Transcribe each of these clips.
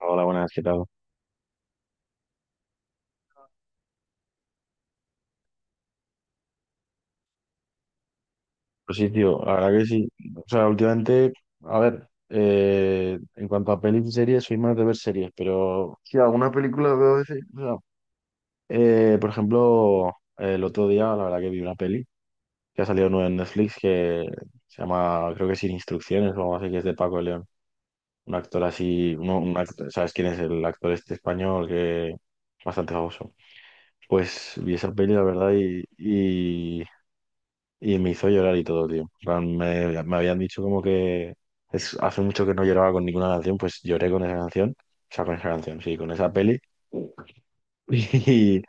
Hola, buenas, ¿qué tal? Pues sí, tío, la verdad que sí. O sea, últimamente, a ver, en cuanto a pelis y series, soy más de ver series, pero sí, alguna película veo de series. O sea, por ejemplo, el otro día, la verdad que vi una peli que ha salido nueva en Netflix que se llama, creo que Sin Instrucciones o algo así, que es de Paco de León. Un actor así, un actor, ¿sabes quién es el actor este español que es bastante famoso? Pues vi esa peli, la verdad, y Y me hizo llorar y todo, tío. En plan, me habían dicho como que es, hace mucho que no lloraba con ninguna canción, pues lloré con esa canción. O sea, con esa canción, sí, con esa peli. Y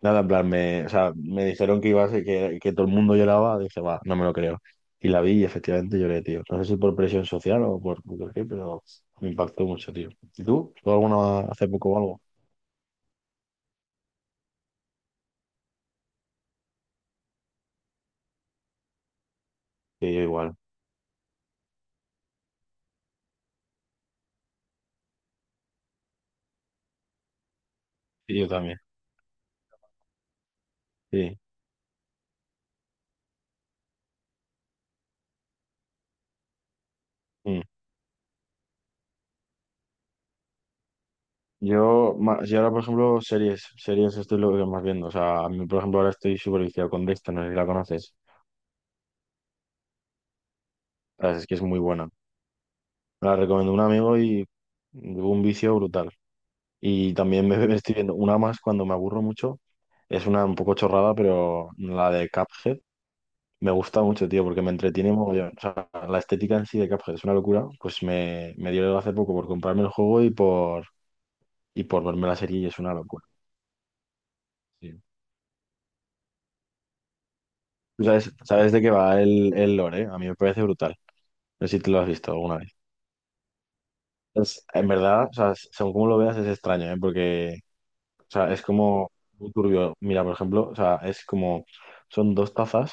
nada, en plan, me, o sea, me dijeron que iba a ser que todo el mundo lloraba. Dije, va, no me lo creo. Y la vi y efectivamente lloré, tío. No sé si por presión social o por qué, pero me impactó mucho, tío. ¿Y tú? ¿Tú alguna hace poco o algo? Sí, yo igual. Sí, yo también. Sí. Mm. Yo ahora, por ejemplo, series, series esto es lo que más viendo. O sea, a mí, por ejemplo, ahora estoy súper viciado con Dexter, no sé si la conoces. La verdad es que es muy buena. Me la recomendó un amigo y hubo un vicio brutal. Y también me estoy viendo una más cuando me aburro mucho. Es una un poco chorrada, pero la de Cuphead me gusta mucho, tío, porque me entretiene mogollón. O sea, la estética en sí de Cuphead es una locura. Pues me dio hace poco por comprarme el juego y por verme la serie y es una locura. Sí. ¿Sabes de qué va el lore, eh? A mí me parece brutal. No sé si te lo has visto alguna vez. En verdad, o sea, según como lo veas, es extraño, ¿eh? Porque, o sea, es como muy turbio. Mira, por ejemplo, o sea, es como, son dos tazas.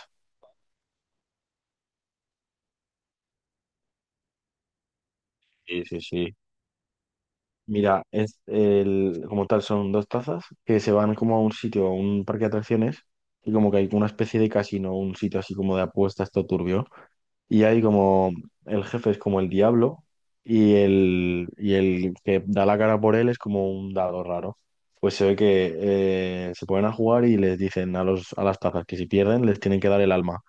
Sí, sí, sí. Mira, es el, como tal, son dos tazas que se van como a un sitio, a un parque de atracciones, y como que hay una especie de casino, un sitio así como de apuestas, todo turbio. Y hay como el jefe es como el diablo y el que da la cara por él es como un dado raro. Pues se ve que se ponen a jugar y les dicen a los, a las tazas que si pierden les tienen que dar el alma.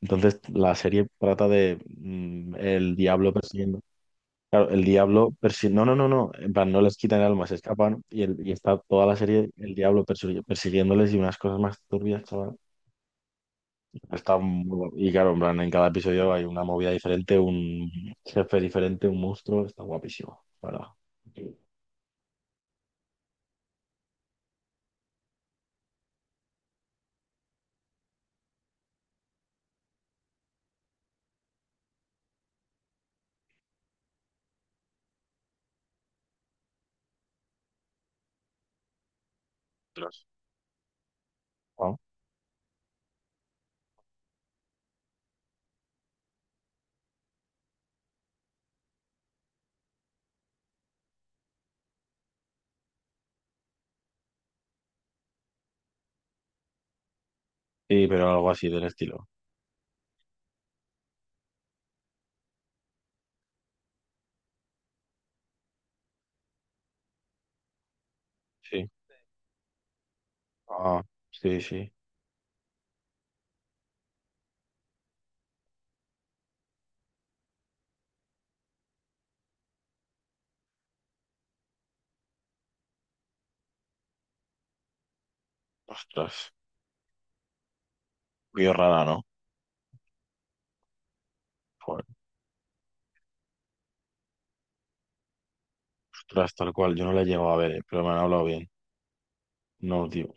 Entonces la serie trata de el diablo persiguiendo. Claro, el diablo persiguiendo. No, no, no, no. En plan, no les quitan el alma, se escapan y, el, y está toda la serie el diablo persiguiéndoles y unas cosas más turbias, chaval. Está muy... Y claro, en plan, en cada episodio hay una movida diferente, un jefe diferente, un monstruo. Está guapísimo, la ¿verdad? Ostras. Ah, y, pero algo así del estilo. Sí. Ah, sí, sí. Ostras. Qué rara, ¿no? Joder. Ostras, tal cual. Yo no la he llegado a ver, pero me han hablado bien. No, tío.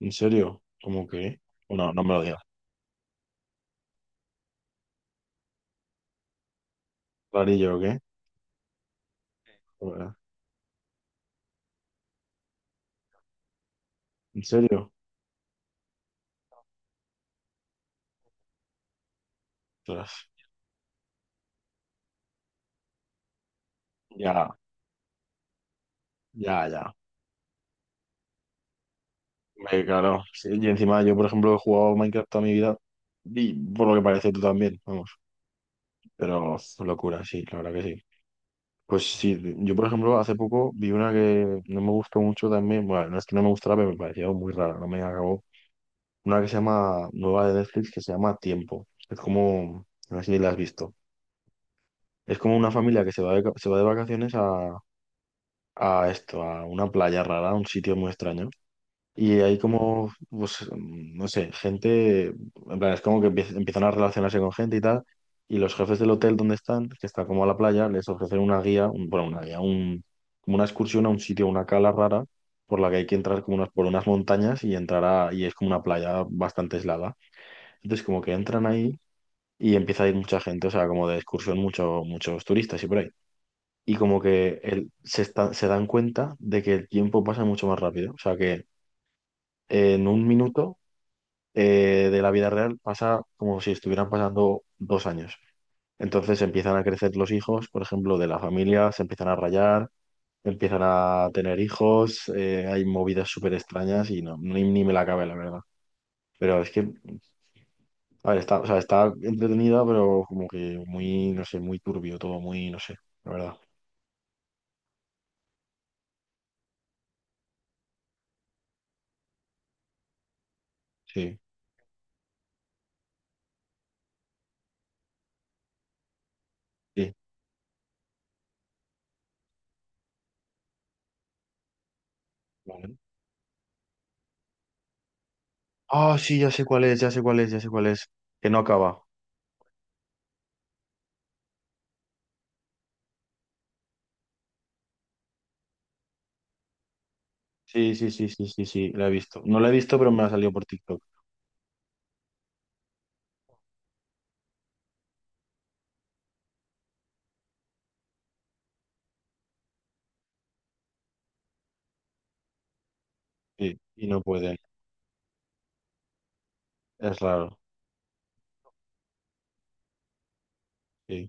¿En serio? ¿Cómo que? No, no me lo digas. ¿Rarillo o qué? Joder. ¿En serio? Ostras. Ya, ya, ya. Claro, sí, y encima yo, por ejemplo, he jugado Minecraft toda mi vida y por lo que parece tú también, vamos, pero locura, sí, la verdad que sí. Pues sí, yo, por ejemplo, hace poco vi una que no me gustó mucho también, bueno, no es que no me gustara, pero me pareció muy rara, no me acabó. Una que se llama, nueva de Netflix, que se llama Tiempo. Es como, no sé si la has visto. Es como una familia que se va de vacaciones a esto, a una playa rara, a un sitio muy extraño. Y hay como, pues, no sé, gente, en plan, es como que empiezan a relacionarse con gente y tal, y los jefes del hotel donde están, que está como a la playa, les ofrecen una guía, bueno, una guía, un, como una excursión a un sitio, una cala rara, por la que hay que entrar como unas, por unas montañas y entrar a, y es como una playa bastante aislada. Entonces como que entran ahí y empieza a ir mucha gente, o sea, como de excursión mucho, muchos turistas y por ahí. Y como que se, se dan cuenta de que el tiempo pasa mucho más rápido, o sea que en un minuto de la vida real pasa como si estuvieran pasando dos años. Entonces empiezan a crecer los hijos, por ejemplo, de la familia, se empiezan a rayar, empiezan a tener hijos, hay movidas súper extrañas y no, ni, ni me la cabe, la verdad. Pero es que, a ver, está, o sea, está entretenida, pero como que muy, no sé, muy turbio todo, muy, no sé, la verdad. Sí, sí. Vale. Ah, sí, ya sé cuál es, ya sé cuál es, ya sé cuál es. Que no acaba. Sí, sí, sí, sí, sí, sí, la he visto. No la he visto, pero me ha salido por TikTok. Sí, y no pueden. Es raro, sí.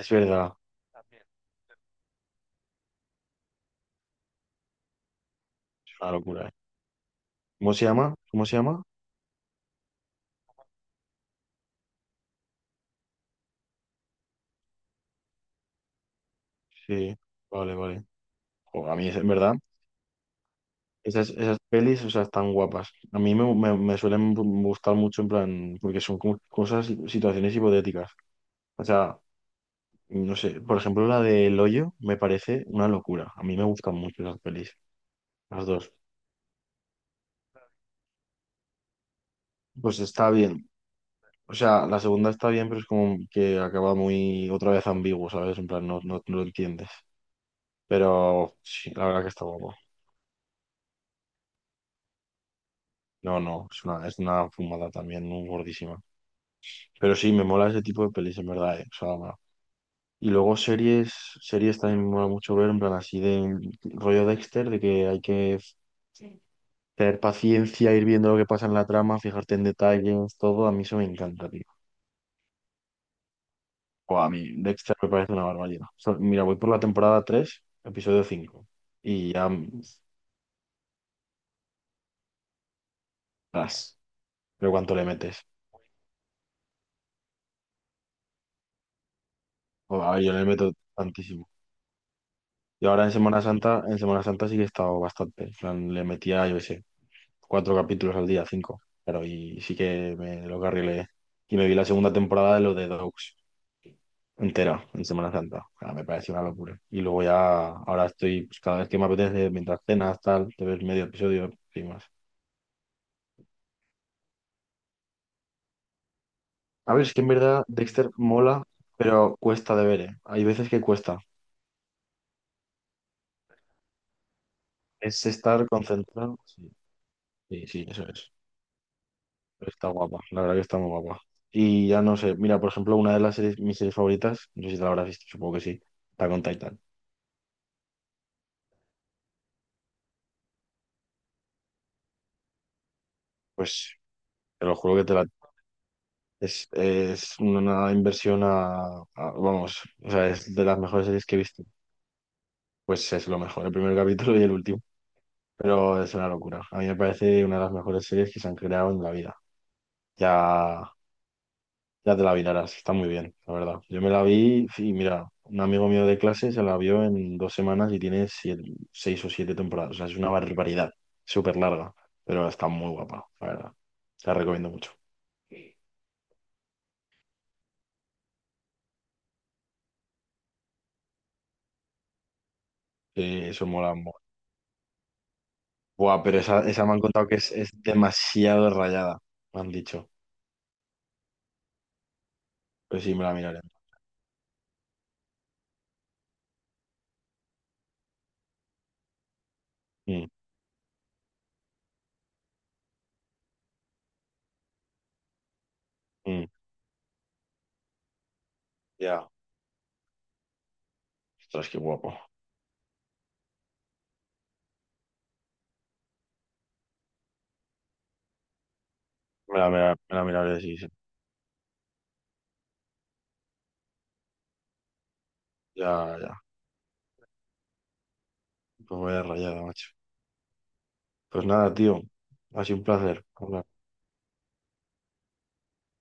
Es verdad, también. Es una locura, ¿eh? ¿Cómo se llama? ¿Cómo se llama? Sí, vale, vale. Jo, a mí, en verdad, esas, esas pelis, o sea, están guapas. A mí me suelen gustar mucho, en plan, porque son como cosas, situaciones hipotéticas. O sea, no sé, por ejemplo, la de el hoyo me parece una locura. A mí me gustan mucho esas pelis, las dos. Pues está bien. O sea, la segunda está bien, pero es como que acaba muy otra vez ambiguo, ¿sabes? En plan, no, no, no lo entiendes. Pero sí, la verdad que está guapo. No, no, es una fumada también, muy gordísima. Pero sí, me mola ese tipo de pelis, en verdad, o sea, va. Y luego series, series también me mola mucho ver, en plan así de rollo Dexter, de que hay que Sí. tener paciencia, ir viendo lo que pasa en la trama, fijarte en detalles, todo. A mí eso me encanta, tío. Buah, a mí Dexter me parece una barbaridad. O sea, mira, voy por la temporada 3 episodio 5 y ya... mm, as. Pero ¿cuánto le metes? O, a ver, yo le meto tantísimo. Y ahora en Semana Santa sí que he estado bastante. En plan, le metía, yo qué sé, cuatro capítulos al día, cinco. Pero y sí que me lo carrilé. Y me vi la segunda temporada de lo de Dogs entera en Semana Santa. Ah, me pareció una locura. Y luego ya, ahora estoy, pues cada vez que me apetece, mientras cenas, tal, te ves medio episodio y más. A ver, es que en verdad Dexter mola, pero cuesta de ver, ¿eh? Hay veces que cuesta. Es estar concentrado. Sí, sí, sí, eso es. Está guapa, la verdad que está muy guapa. Y ya no sé, mira, por ejemplo, una de las series, mis series favoritas, no sé si te la habrás visto, supongo que sí, está con Titan. Pues te lo juro que te la... es una inversión a- Vamos, o sea, es de las mejores series que he visto. Pues es lo mejor, el primer capítulo y el último. Pero es una locura. A mí me parece una de las mejores series que se han creado en la vida. Ya ya te la vi, Lara, sí, está muy bien, la verdad. Yo me la vi, y mira, un amigo mío de clase se la vio en dos semanas y tiene seis o siete temporadas. O sea, es una barbaridad, súper larga, pero está muy guapa, la verdad. Te la recomiendo mucho. Sí, eso mola mucho. Buah, pero esa me han contado que es demasiado rayada, me han dicho. Pues sí, me la miraré. Mm, mm, ya, ostras, qué guapo. Me la miraré, sí, sí. Ya, ya. Pues voy a rayada, macho. Pues nada, tío, ha sido un placer hablar.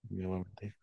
Igualmente.